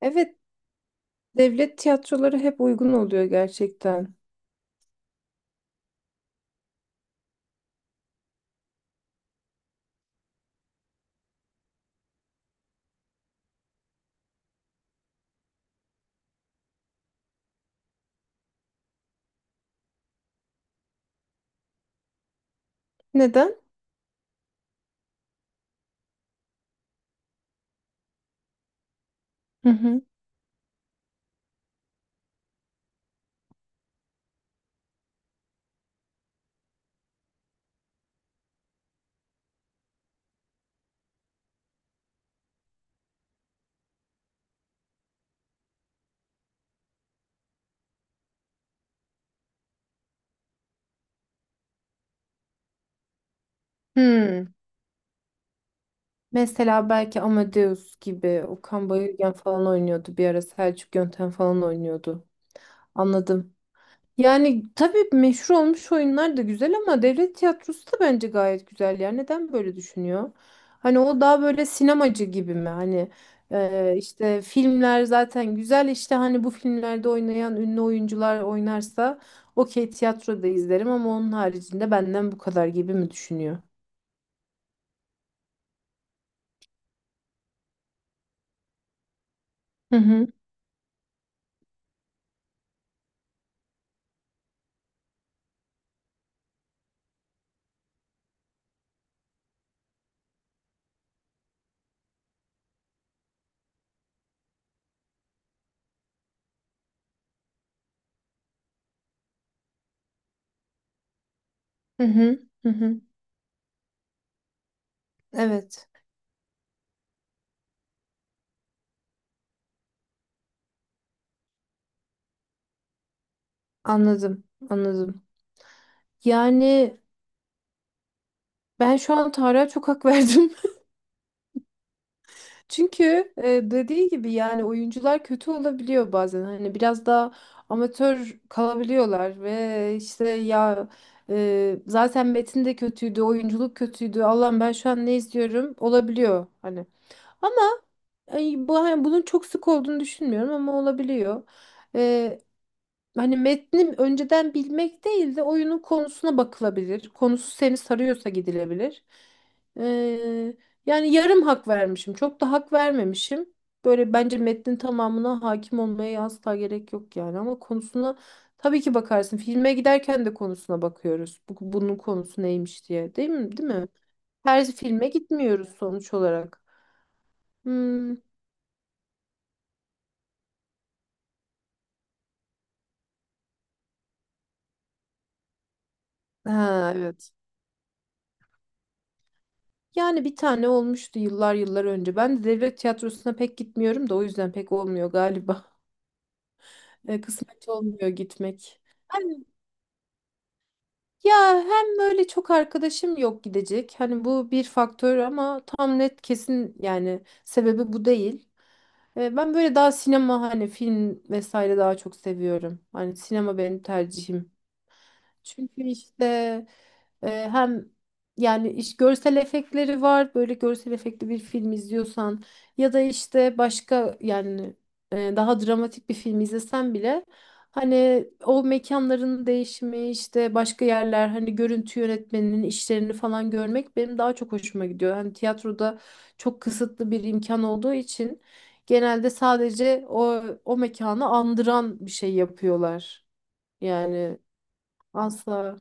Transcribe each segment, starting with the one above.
Evet, devlet tiyatroları hep uygun oluyor gerçekten. Neden? Hı hı. Hmm. Mesela belki Amadeus gibi Okan Bayülgen falan oynuyordu bir ara Selçuk Yöntem falan oynuyordu. Anladım. Yani tabii meşhur olmuş oyunlar da güzel ama devlet tiyatrosu da bence gayet güzel. Yani neden böyle düşünüyor? Hani o daha böyle sinemacı gibi mi? Hani işte filmler zaten güzel işte hani bu filmlerde oynayan ünlü oyuncular oynarsa okey tiyatroda izlerim ama onun haricinde benden bu kadar gibi mi düşünüyor? Hı hı hı hı hı hı. Evet, anladım anladım. Yani ben şu an Tarık'a çok hak verdim. Çünkü dediği gibi yani oyuncular kötü olabiliyor bazen. Hani biraz daha amatör kalabiliyorlar ve işte ya zaten metin de kötüydü, oyunculuk kötüydü. Allah'ım ben şu an ne izliyorum olabiliyor hani. Ama ay, bu hani bunun çok sık olduğunu düşünmüyorum ama olabiliyor. Hani metni önceden bilmek değil de oyunun konusuna bakılabilir. Konusu seni sarıyorsa gidilebilir. Ee, Yani yarım hak vermişim. Çok da hak vermemişim. Böyle bence metnin tamamına hakim olmaya asla gerek yok yani. Ama konusuna tabii ki bakarsın. Filme giderken de konusuna bakıyoruz. Bunun konusu neymiş diye. Değil mi? Değil mi? Her filme gitmiyoruz sonuç olarak. Hmm. Ha, evet. Yani bir tane olmuştu yıllar yıllar önce. Ben de devlet tiyatrosuna pek gitmiyorum da o yüzden pek olmuyor galiba. Kısmet olmuyor gitmek. Hani ya hem böyle çok arkadaşım yok gidecek. Hani bu bir faktör ama tam net kesin yani sebebi bu değil. Ben böyle daha sinema hani film vesaire daha çok seviyorum. Hani sinema benim tercihim. Çünkü işte hem yani iş görsel efektleri var. Böyle görsel efektli bir film izliyorsan ya da işte başka yani daha dramatik bir film izlesen bile hani o mekanların değişimi işte başka yerler hani görüntü yönetmeninin işlerini falan görmek benim daha çok hoşuma gidiyor. Hani tiyatroda çok kısıtlı bir imkan olduğu için genelde sadece o mekanı andıran bir şey yapıyorlar. Yani asla.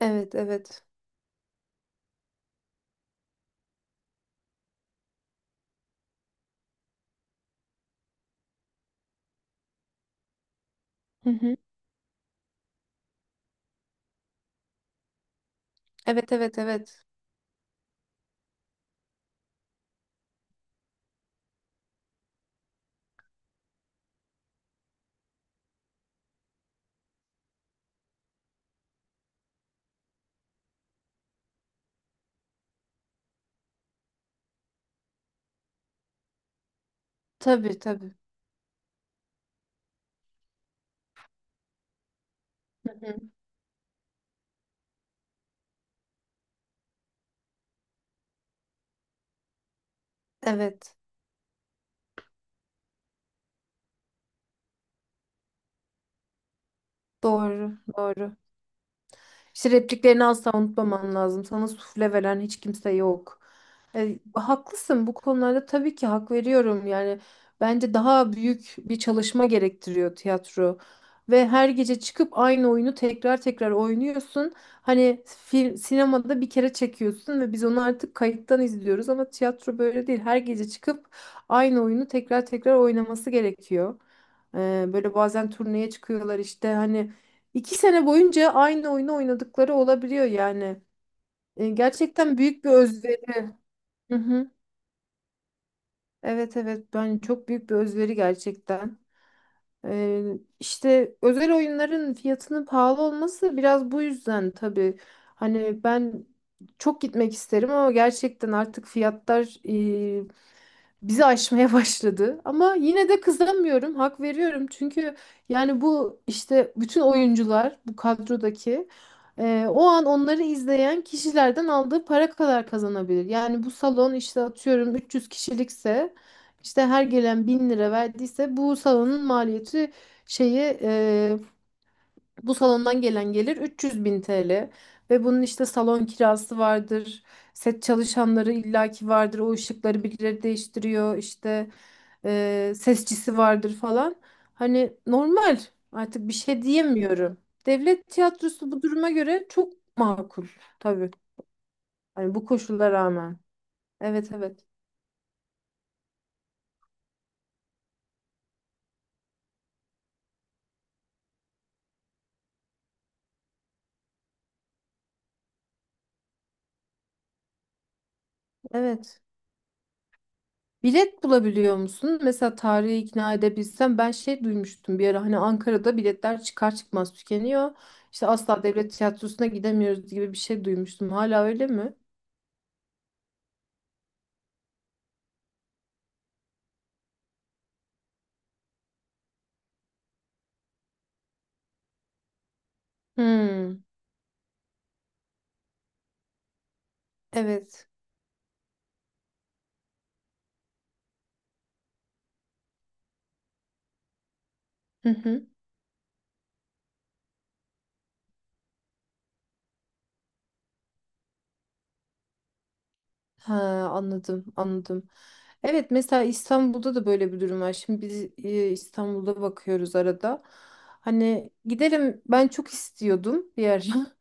Evet, evet. Hı hı. Evet, evet, evet. Tabii, tabii. Evet. Doğru, doğru. İşte repliklerini asla unutmaman lazım. Sana sufle veren hiç kimse yok. Haklısın bu konularda tabii ki hak veriyorum. Yani bence daha büyük bir çalışma gerektiriyor tiyatro. Ve her gece çıkıp aynı oyunu tekrar tekrar oynuyorsun. Hani film, sinemada bir kere çekiyorsun ve biz onu artık kayıttan izliyoruz ama tiyatro böyle değil. Her gece çıkıp aynı oyunu tekrar tekrar oynaması gerekiyor. E, Böyle bazen turneye çıkıyorlar işte hani 2 sene boyunca aynı oyunu oynadıkları olabiliyor yani. Gerçekten büyük bir özveri. Hı hı. Evet evet ben çok büyük bir özveri gerçekten. E, işte özel oyunların fiyatının pahalı olması biraz bu yüzden tabii. Hani ben çok gitmek isterim ama gerçekten artık fiyatlar bizi aşmaya başladı. Ama yine de kızamıyorum, hak veriyorum. Çünkü yani bu işte bütün oyuncular bu kadrodaki o an onları izleyen kişilerden aldığı para kadar kazanabilir. Yani bu salon işte atıyorum 300 kişilikse işte her gelen 1.000 lira verdiyse bu salonun maliyeti şeyi e, bu salondan gelen gelir 300 bin TL ve bunun işte salon kirası vardır, set çalışanları illaki vardır, o ışıkları birileri değiştiriyor, işte sesçisi vardır falan. Hani normal artık bir şey diyemiyorum. Devlet tiyatrosu bu duruma göre çok makul tabii. Hani bu koşullara rağmen. Evet evet. Evet. Bilet bulabiliyor musun? Mesela tarihi ikna edebilsem ben şey duymuştum bir ara hani Ankara'da biletler çıkar çıkmaz tükeniyor. İşte asla devlet tiyatrosuna gidemiyoruz gibi bir şey duymuştum. Hala öyle mi? Hmm, evet. Ha, anladım, anladım. Evet, mesela İstanbul'da da böyle bir durum var. Şimdi biz İstanbul'da bakıyoruz arada. Hani gidelim, ben çok istiyordum bir ara.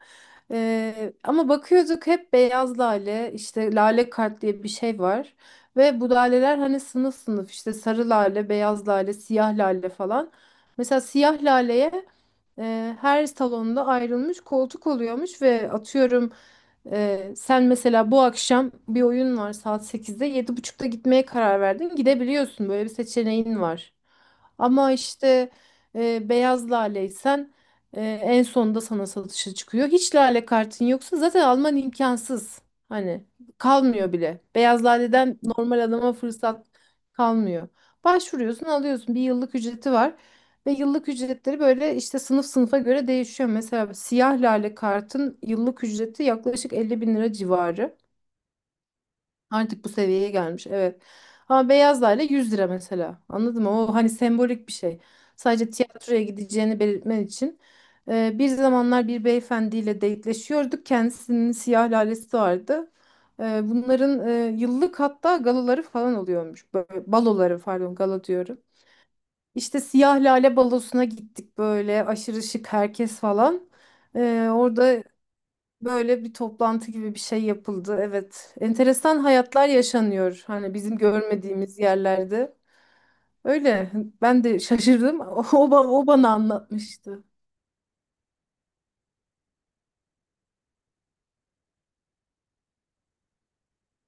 Ama bakıyorduk hep beyaz lale, işte lale kart diye bir şey var. Ve bu laleler hani sınıf sınıf işte sarı lale, beyaz lale, siyah lale falan. Mesela siyah laleye her salonda ayrılmış koltuk oluyormuş ve atıyorum sen mesela bu akşam bir oyun var saat 8'de 7.30'da gitmeye karar verdin. Gidebiliyorsun. Böyle bir seçeneğin var. Ama işte beyaz laleysen en sonunda sana satışa çıkıyor. Hiç lale kartın yoksa zaten alman imkansız. Hani kalmıyor bile. Beyaz laleden normal adama fırsat kalmıyor. Başvuruyorsun, alıyorsun. Bir yıllık ücreti var. Ve yıllık ücretleri böyle işte sınıf sınıfa göre değişiyor. Mesela siyah lale kartın yıllık ücreti yaklaşık 50 bin lira civarı. Artık bu seviyeye gelmiş evet. Ama beyaz lale 100 lira mesela. Anladın mı? O hani sembolik bir şey. Sadece tiyatroya gideceğini belirtmen için. Bir zamanlar bir beyefendiyle date'leşiyorduk. Kendisinin siyah lalesi vardı. Bunların yıllık hatta galaları falan oluyormuş. Böyle baloları pardon gala diyorum. İşte Siyah Lale Balosu'na gittik böyle aşırı şık herkes falan. Orada böyle bir toplantı gibi bir şey yapıldı. Evet, enteresan hayatlar yaşanıyor hani bizim görmediğimiz yerlerde. Öyle ben de şaşırdım. O bana anlatmıştı.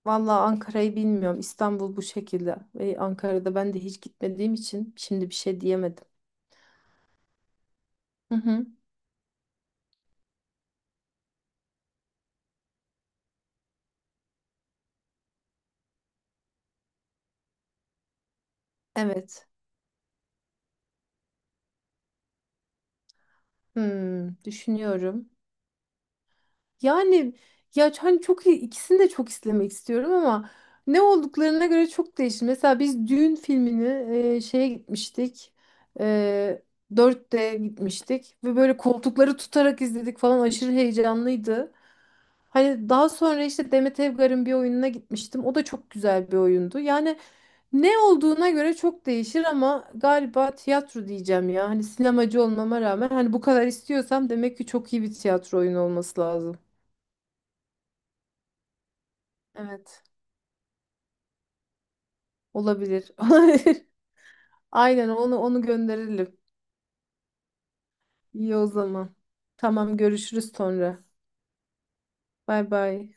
Vallahi Ankara'yı bilmiyorum. İstanbul bu şekilde. Ve Ankara'da ben de hiç gitmediğim için şimdi bir şey diyemedim. Hı hı. Evet. Hmm, düşünüyorum. Yani ya hani ikisini de çok izlemek istiyorum ama ne olduklarına göre çok değişir. Mesela biz düğün filmini şeye gitmiştik. E, 4 gitmiştik ve böyle koltukları tutarak izledik falan aşırı heyecanlıydı. Hani daha sonra işte Demet Evgar'ın bir oyununa gitmiştim. O da çok güzel bir oyundu. Yani ne olduğuna göre çok değişir ama galiba tiyatro diyeceğim ya. Hani sinemacı olmama rağmen hani bu kadar istiyorsam demek ki çok iyi bir tiyatro oyunu olması lazım. Evet. Olabilir. Olabilir. Aynen onu gönderelim. İyi o zaman. Tamam görüşürüz sonra. Bay bay.